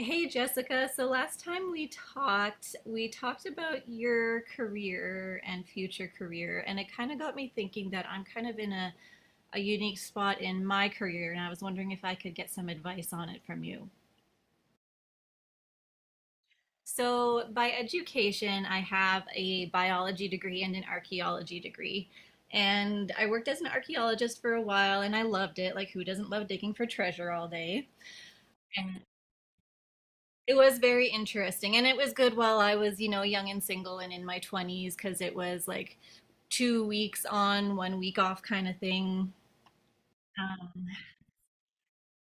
Hey Jessica, so last time we talked about your career and future career, and it kind of got me thinking that I'm kind of in a unique spot in my career, and I was wondering if I could get some advice on it from you. So, by education, I have a biology degree and an archaeology degree. And I worked as an archaeologist for a while, and I loved it. Like, who doesn't love digging for treasure all day? And it was very interesting, and it was good while I was, you know, young and single and in my 20s because it was like 2 weeks on, 1 week off kind of thing. Um,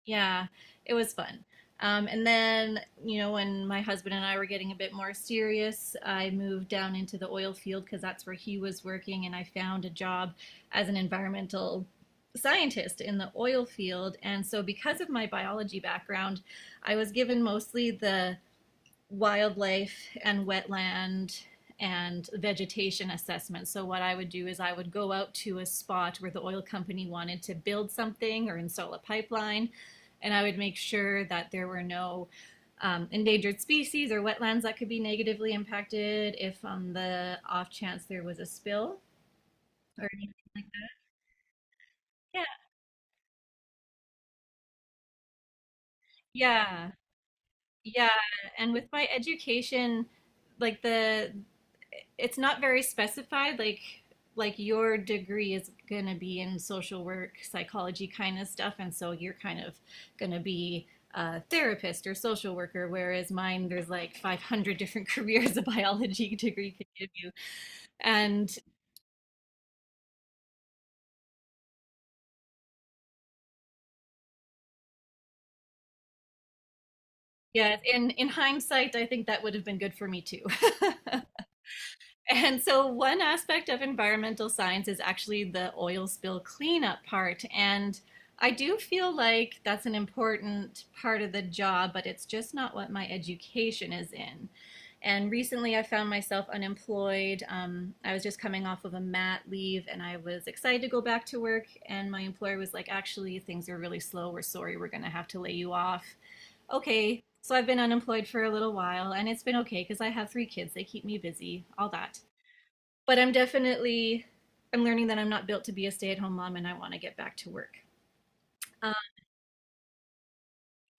yeah, it was fun. And then, you know, when my husband and I were getting a bit more serious, I moved down into the oil field because that's where he was working, and I found a job as an environmental scientist in the oil field. And so, because of my biology background, I was given mostly the wildlife and wetland and vegetation assessment. So what I would do is I would go out to a spot where the oil company wanted to build something or install a pipeline, and I would make sure that there were no endangered species or wetlands that could be negatively impacted if on the off chance there was a spill or anything like that. Yeah, yeah, yeah. And with my education, like the it's not very specified, like your degree is going to be in social work psychology kind of stuff, and so you're kind of going to be a therapist or social worker, whereas mine, there's like 500 different careers a biology degree could give you. And yeah, in hindsight, I think that would have been good for me too. And so, one aspect of environmental science is actually the oil spill cleanup part. And I do feel like that's an important part of the job, but it's just not what my education is in. And recently, I found myself unemployed. I was just coming off of a mat leave and I was excited to go back to work. And my employer was like, actually, things are really slow. We're sorry. We're going to have to lay you off. Okay. So I've been unemployed for a little while and it's been okay because I have 3 kids. They keep me busy, all that, but I'm definitely, I'm learning that I'm not built to be a stay-at-home mom and I want to get back to work. Um,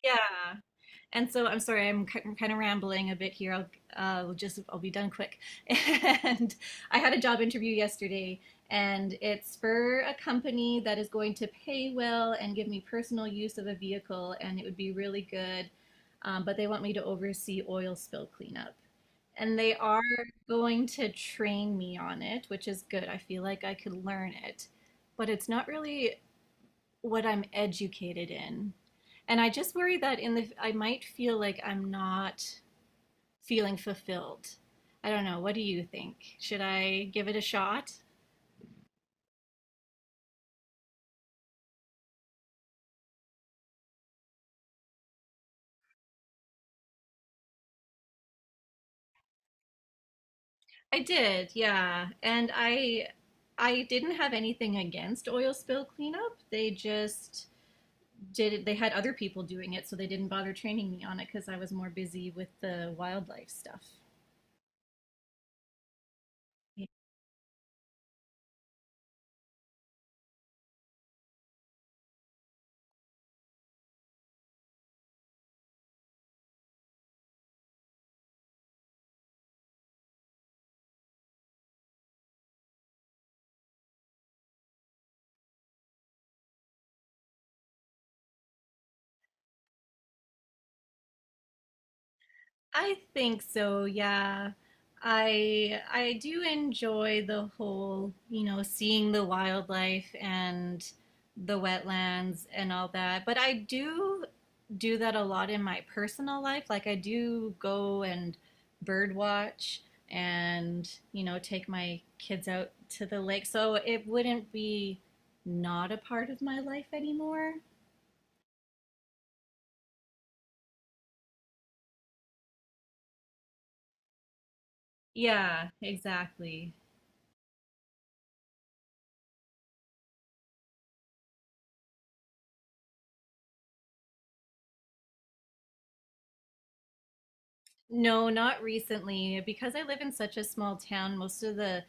yeah. And so, I'm sorry, I'm kind of rambling a bit here. I'll, just I'll be done quick. And I had a job interview yesterday, and it's for a company that is going to pay well and give me personal use of a vehicle, and it would be really good. But they want me to oversee oil spill cleanup, and they are going to train me on it, which is good. I feel like I could learn it, but it's not really what I'm educated in. And I just worry that in the I might feel like I'm not feeling fulfilled. I don't know. What do you think? Should I give it a shot? I did, yeah. And I didn't have anything against oil spill cleanup. They just did it. They had other people doing it, so they didn't bother training me on it because I was more busy with the wildlife stuff. I think so, yeah. I do enjoy the whole, you know, seeing the wildlife and the wetlands and all that. But I do that a lot in my personal life. Like, I do go and bird watch and, you know, take my kids out to the lake. So it wouldn't be not a part of my life anymore. Yeah, exactly. No, not recently. Because I live in such a small town, most of the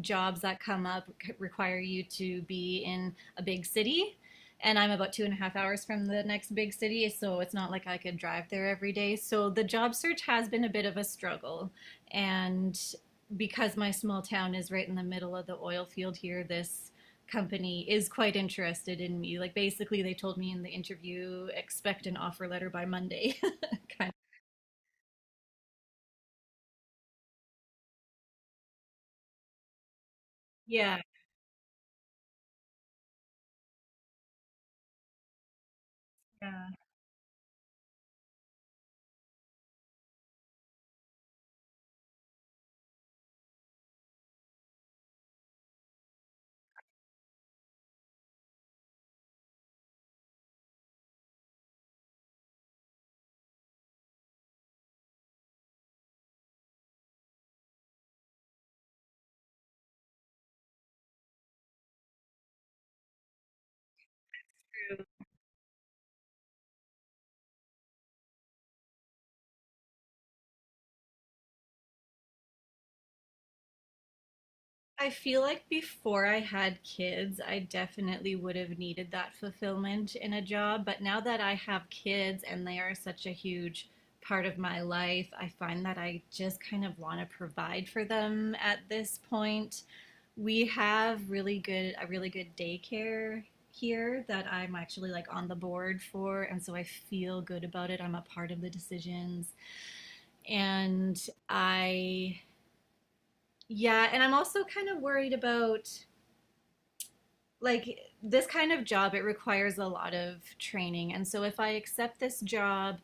jobs that come up require you to be in a big city. And I'm about two and a half hours from the next big city, so it's not like I could drive there every day. So the job search has been a bit of a struggle. And because my small town is right in the middle of the oil field here, this company is quite interested in me. Like, basically, they told me in the interview, expect an offer letter by Monday. Kind of. Yeah. Yeah. I feel like before I had kids, I definitely would have needed that fulfillment in a job. But now that I have kids and they are such a huge part of my life, I find that I just kind of want to provide for them at this point. We have really good a really good daycare here that I'm actually like on the board for, and so I feel good about it. I'm a part of the decisions. And I Yeah, and I'm also kind of worried about like this kind of job, it requires a lot of training, and so if I accept this job,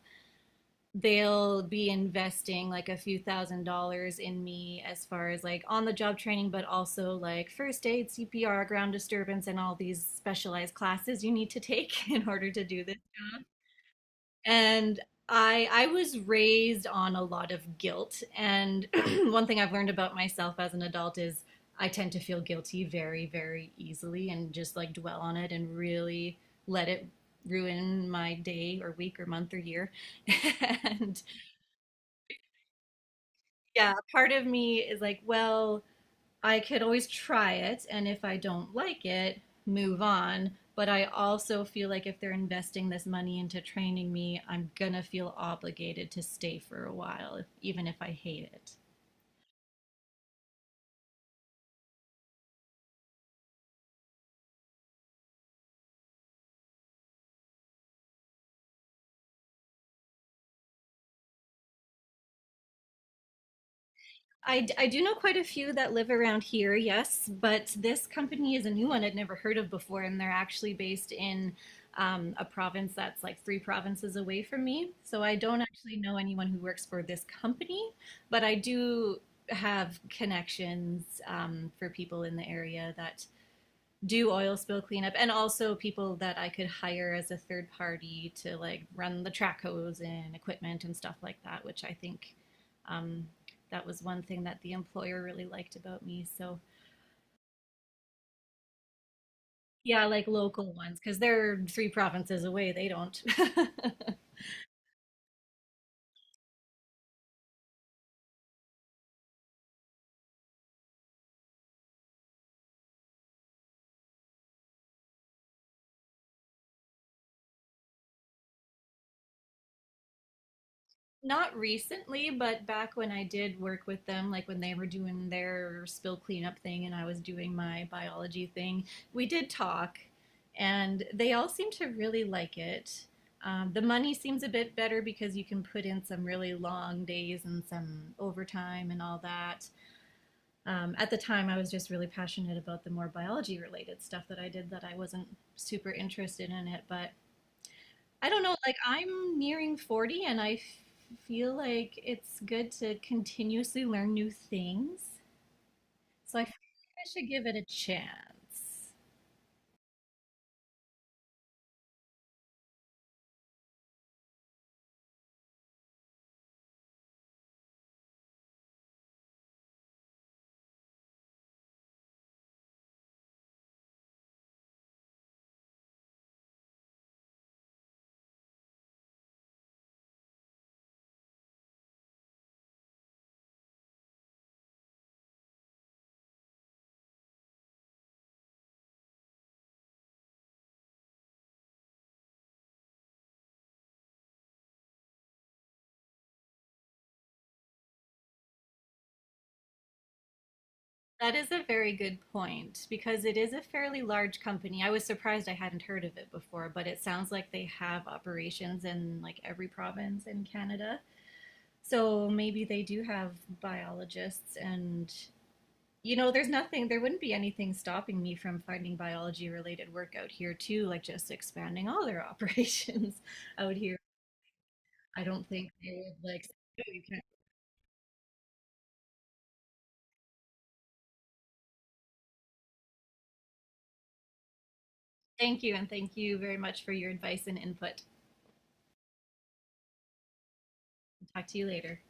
they'll be investing like a few $ thousand in me, as far as like on the job training, but also like first aid, CPR, ground disturbance, and all these specialized classes you need to take in order to do this job. And I was raised on a lot of guilt and one thing I've learned about myself as an adult is I tend to feel guilty very very easily and just like dwell on it and really let it ruin my day or week or month or year. And yeah, part of me is like, well, I could always try it, and if I don't like it, move on. But I also feel like if they're investing this money into training me, I'm gonna feel obligated to stay for a while, even if I hate it. I do know quite a few that live around here, yes, but this company is a new one I'd never heard of before, and they're actually based in a province that's like 3 provinces away from me. So I don't actually know anyone who works for this company, but I do have connections, for people in the area that do oil spill cleanup, and also people that I could hire as a third party to like run the track hose and equipment and stuff like that, which I think, um, that was one thing that the employer really liked about me. So yeah, like local ones, because they're 3 provinces away. They don't. Not recently, but back when I did work with them, like when they were doing their spill cleanup thing and I was doing my biology thing, we did talk, and they all seem to really like it. The money seems a bit better because you can put in some really long days and some overtime and all that. At the time, I was just really passionate about the more biology related stuff that I did, that I wasn't super interested in it, but I don't know, like I'm nearing 40 and I feel like it's good to continuously learn new things. So I feel like I should give it a chance. That is a very good point because it is a fairly large company. I was surprised I hadn't heard of it before, but it sounds like they have operations in like every province in Canada. So maybe they do have biologists and, you know, there's nothing, there wouldn't be anything stopping me from finding biology related work out here too, like just expanding all their operations out here. I don't think they would like, no, you can't. Thank you, and thank you very much for your advice and input. Talk to you later.